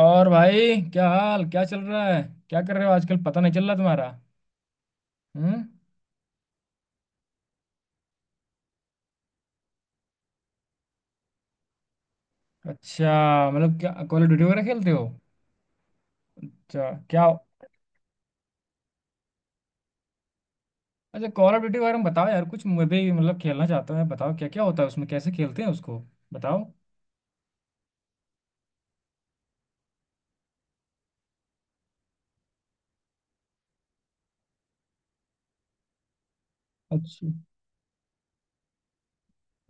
और भाई, क्या हाल, क्या चल रहा है। क्या कर रहे हो आजकल, पता नहीं चल रहा तुम्हारा। हम्म। अच्छा। मतलब क्या कॉल ऑफ ड्यूटी वगैरह खेलते हो? अच्छा क्या। अच्छा, कॉल ऑफ ड्यूटी वगैरह में बताओ यार कुछ, मैं भी मतलब खेलना चाहता हूँ यार। बताओ क्या क्या होता है उसमें, कैसे खेलते हैं उसको। बताओ। अच्छा।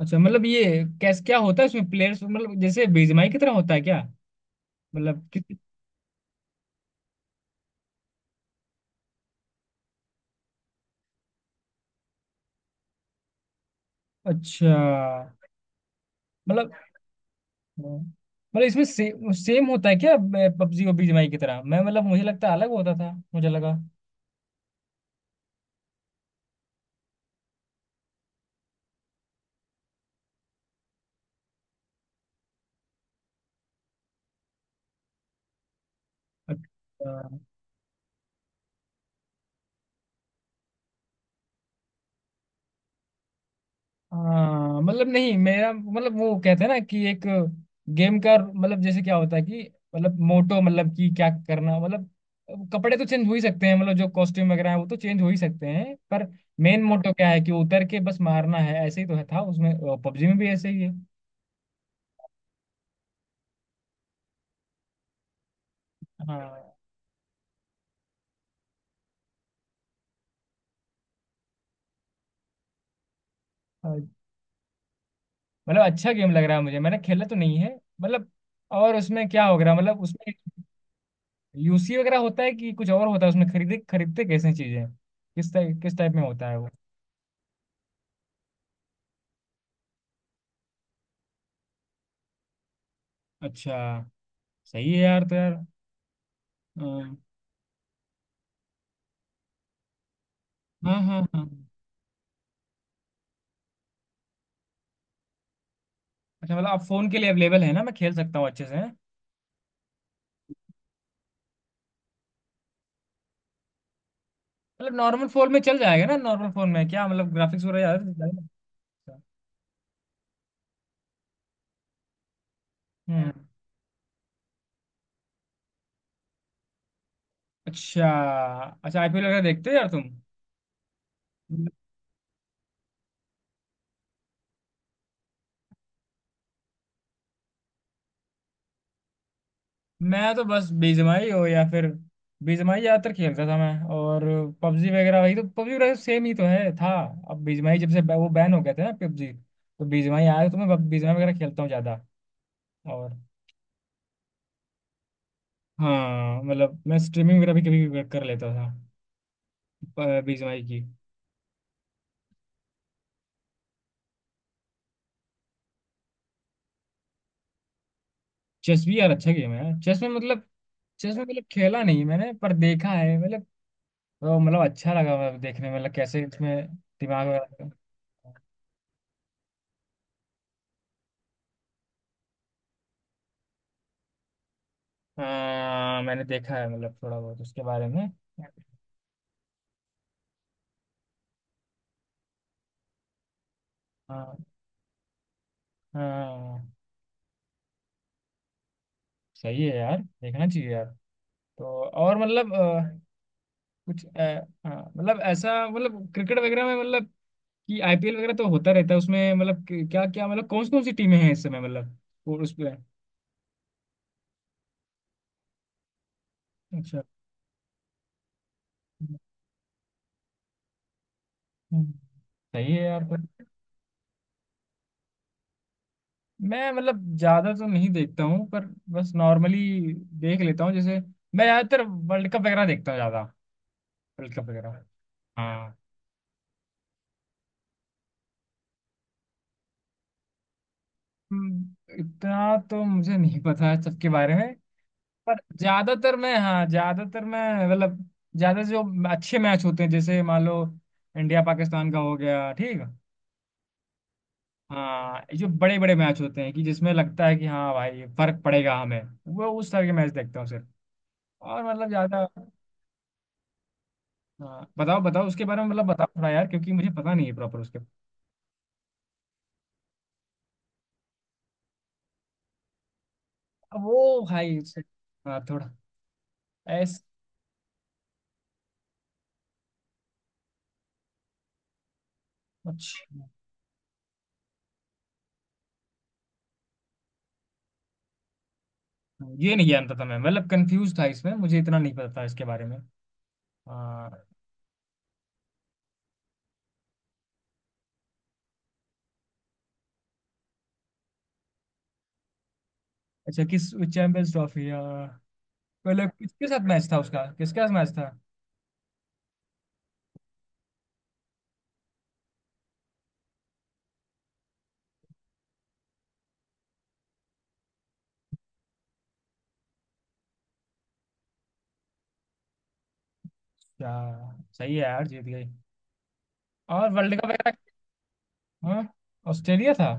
अच्छा मतलब ये कैसे क्या होता है उसमें? प्लेयर्स मतलब जैसे बीजीएमआई की तरह होता है क्या? मतलब किस। अच्छा। मतलब, मतलब इसमें से, सेम होता है क्या? पबजी और बीजीएमआई की तरह, मैं मतलब मुझे लगता है अलग होता था, मुझे लगा। अच्छा। हाँ मतलब नहीं, मेरा मतलब वो कहते हैं ना कि एक गेम का मतलब जैसे क्या होता है कि, मतलब मोटो मतलब कि क्या करना मतलब। कपड़े तो चेंज हो ही सकते हैं, मतलब जो कॉस्ट्यूम वगैरह है वो तो चेंज हो ही सकते हैं, पर मेन मोटो क्या है? कि उतर के बस मारना है, ऐसे ही तो है था उसमें। पबजी में भी ऐसे ही है। हाँ हाँ, मतलब अच्छा गेम लग रहा है मुझे, मैंने खेला तो नहीं है। मतलब और उसमें क्या हो रहा है, मतलब उसमें यूसी वगैरह होता है कि कुछ और होता है उसमें? खरीदे खरीदते कैसे चीजें, किस टाइप में होता है वो? अच्छा। सही है यार, तो यार। अ, हाँ हाँ हाँ। अच्छा मतलब आप फोन के लिए अवेलेबल है ना? मैं खेल सकता हूँ अच्छे से हैं? मतलब नॉर्मल फोन में चल जाएगा ना? नॉर्मल फोन में क्या, मतलब ग्राफिक्स वगैरह यार जाएगा? हम्म। अच्छा। अच्छा, आईपीएल वगैरह देखते हो यार तुम? मैं तो बस बीजीएमआई हो या फिर बीजीएमआई ज्यादातर खेलता था मैं। और पबजी वगैरह वही, तो पबजी वगैरह सेम ही तो है था। अब बीजीएमआई, जब से वो बैन हो गए थे ना पबजी, तो बीजीएमआई आया, तो मैं बीजीएमआई वगैरह खेलता हूँ ज्यादा। और हाँ, मतलब मैं स्ट्रीमिंग वगैरह भी कभी कभी कर लेता था, बीजीएमआई की। चेस भी यार अच्छा गेम है यार। चेस में मतलब, चेस में मतलब खेला नहीं है मैंने, पर देखा है मतलब। तो मतलब अच्छा लगा, मतलब देखने में, मतलब कैसे इसमें दिमाग वगैरह। हाँ, मैंने देखा है मतलब थोड़ा बहुत उसके बारे में। हाँ हाँ। सही है यार, देखना चाहिए यार। तो और मतलब कुछ हाँ, मतलब ऐसा, मतलब क्रिकेट वगैरह में मतलब कि आईपीएल वगैरह तो होता रहता है उसमें, मतलब क्या क्या, मतलब कौन कौन सी टीमें हैं इस समय मतलब? और उस पे। अच्छा। हम्म। सही है यार, पर मैं मतलब ज्यादा तो नहीं देखता हूँ, पर बस नॉर्मली देख लेता हूँ जैसे। मैं ज्यादातर वर्ल्ड कप वगैरह देखता हूँ ज्यादा, वर्ल्ड कप वगैरह। हाँ। हम्म, इतना तो मुझे नहीं पता है सबके बारे में, पर ज्यादातर मैं, हाँ ज्यादातर मैं, मतलब ज्यादा जो अच्छे मैच होते हैं, जैसे मान लो इंडिया पाकिस्तान का हो गया, ठीक। हाँ, जो बड़े बड़े मैच होते हैं कि जिसमें लगता है कि हाँ भाई फर्क पड़ेगा हमें, वो उस तरह के मैच देखता हूँ सिर्फ। और मतलब ज्यादा। हाँ बताओ बताओ उसके बारे में, मतलब बताओ थोड़ा यार, क्योंकि मुझे पता नहीं है प्रॉपर उसके। अब वो भाई उससे, हाँ थोड़ा ऐस अच्छा। ये नहीं जानता था मैं, मतलब कंफ्यूज था इसमें, मुझे इतना नहीं पता था इसके बारे में। हाँ। अच्छा, किस चैंपियंस ट्रॉफी या? मतलब किसके साथ मैच था उसका, किसके साथ मैच था? क्या। सही है यार, जीत गई। और वर्ल्ड कप वगैरह? हाँ, ऑस्ट्रेलिया था।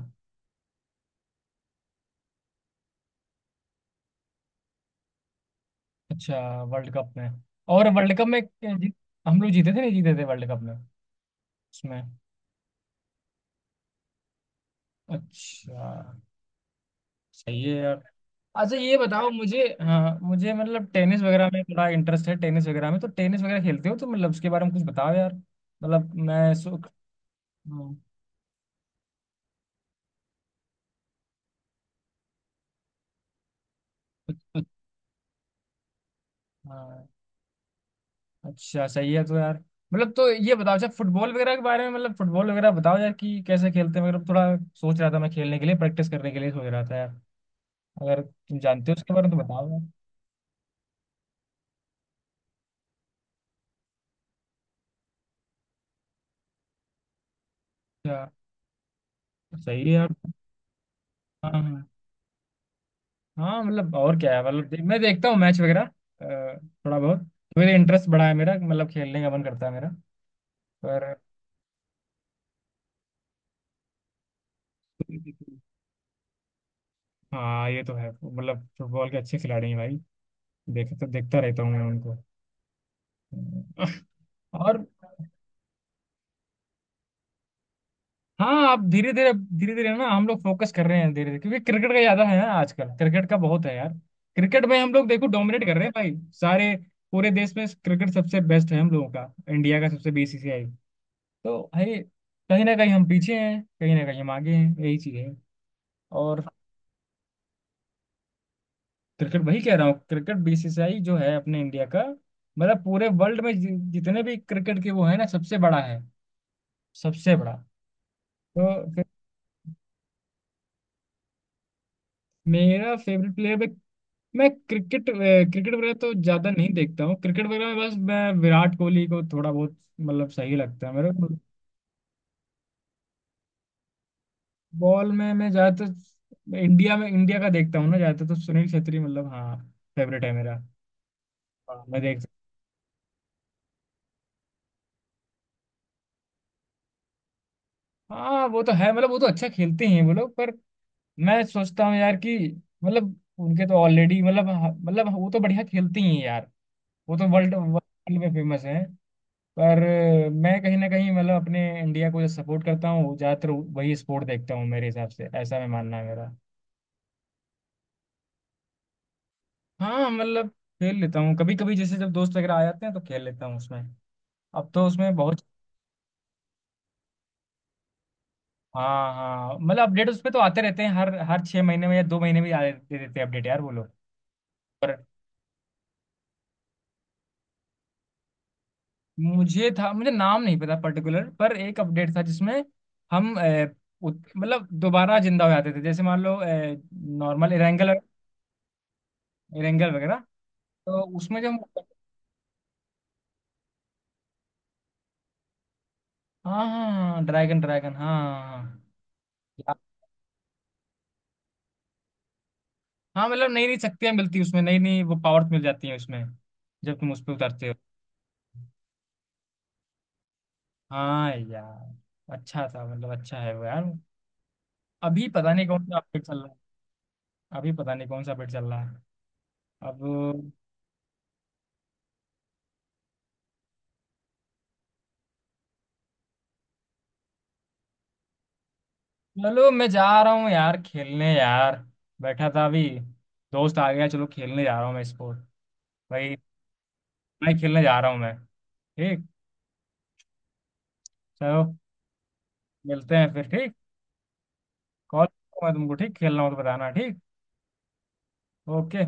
अच्छा। वर्ल्ड कप में, और वर्ल्ड कप में क्या हम लोग जीते थे, नहीं जीते थे वर्ल्ड कप में? उसमें? अच्छा। सही है यार। अच्छा ये बताओ मुझे, हाँ, मुझे मतलब टेनिस वगैरह में थोड़ा इंटरेस्ट है, टेनिस वगैरह में, तो टेनिस वगैरह खेलते हो तो मतलब उसके बारे में कुछ बताओ यार, मतलब मैं सो। हाँ। अच्छा। हाँ, अच्छा, सही है तो यार। मतलब तो ये बताओ, अच्छा फुटबॉल वगैरह के बारे में, मतलब फुटबॉल वगैरह बताओ यार कि कैसे खेलते हैं, मतलब थोड़ा सोच रहा था मैं खेलने के लिए, प्रैक्टिस करने के लिए सोच रहा था यार। अगर तुम जानते हो उसके बारे में तो बताओ। यार अच्छा, सही है यार। हाँ हाँ। हाँ, मतलब और क्या है, मतलब मैं देखता हूँ मैच वगैरह अ, थोड़ा बहुत। मेरा इंटरेस्ट बढ़ा है मेरा, मतलब खेलने का मन करता है मेरा, पर। हाँ, ये तो है, मतलब फुटबॉल के अच्छे खिलाड़ी हैं भाई। देख तो देखता रहता हूँ मैं उनको। और हाँ, आप धीरे धीरे, धीरे धीरे ना हम लोग फोकस कर रहे हैं धीरे धीरे, क्योंकि क्रिकेट का ज्यादा है ना, आजकल क्रिकेट का बहुत है यार। क्रिकेट में हम लोग देखो डोमिनेट कर रहे हैं भाई, सारे, पूरे देश में क्रिकेट सबसे बेस्ट है हम लोगों का, इंडिया का सबसे, बीसीसीआई। तो भाई कहीं ना कहीं हम पीछे हैं, कहीं ना कहीं हम आगे हैं, यही चीज है। और क्रिकेट, वही कह रहा हूँ, क्रिकेट बीसीसीआई जो है अपने इंडिया का, मतलब पूरे वर्ल्ड में जितने भी क्रिकेट के, वो है ना सबसे बड़ा है। सबसे बड़ा। तो फिर। मेरा फेवरेट प्लेयर भी, मैं क्रिकेट क्रिकेट वगैरह तो ज्यादा नहीं देखता हूँ, क्रिकेट वगैरह में बस मैं विराट कोहली को थोड़ा बहुत मतलब सही लगता है मेरे को। बॉल में मैं ज्यादातर इंडिया में, इंडिया का देखता हूँ ना ज्यादातर, तो सुनील छेत्री मतलब हाँ, फेवरेट है मेरा। हाँ, मैं देख। हाँ, वो तो है, मतलब वो तो अच्छा खेलते हैं वो लोग, पर मैं सोचता हूँ यार कि मतलब उनके तो ऑलरेडी मतलब, मतलब वो तो बढ़िया खेलती हैं यार, वो तो वर्ल्ड वर्ल्ड में फेमस है, पर मैं कहीं ना कहीं मतलब अपने इंडिया को जो सपोर्ट करता हूँ ज्यादातर, वही स्पोर्ट देखता हूँ, मेरे हिसाब से ऐसा मैं, मानना है मेरा। हाँ मतलब खेल लेता हूँ कभी कभी, जैसे जब दोस्त वगैरह आ जाते हैं तो खेल लेता हूँ उसमें। अब तो उसमें बहुत। हाँ हाँ, मतलब अपडेट उसमें तो आते रहते हैं, हर हर 6 महीने में या 2 महीने में आ दे, देते हैं अपडेट यार वो लोग। मुझे था, मुझे नाम नहीं पता पर्टिकुलर, पर एक अपडेट था जिसमें हम मतलब दोबारा जिंदा हो जाते थे, जैसे मान लो नॉर्मल इरेंगल, इरेंगल वगैरह, तो उसमें जो हम। हाँ हाँ, ड्रैगन ड्रैगन हाँ। ड्रैगन, हाँ हाँ। हाँ, मतलब नई नई शक्तियां मिलती है उसमें, नई नई वो पावर्स मिल जाती हैं उसमें, जब तुम उस पर उतरते हो। हाँ यार, अच्छा था, मतलब अच्छा है वो यार। अभी पता नहीं कौन सा अपडेट चल रहा है। अभी पता नहीं कौन सा अपडेट चल रहा है अब। चलो मैं जा रहा हूँ यार खेलने यार, बैठा था अभी, दोस्त आ गया, चलो खेलने जा रहा हूँ मैं, स्पोर्ट। भाई मैं खेलने जा रहा हूँ मैं, ठीक। चलो मिलते हैं फिर, ठीक। कॉल, मैं तुमको ठीक, खेलना हो तो बताना, ठीक। ओके।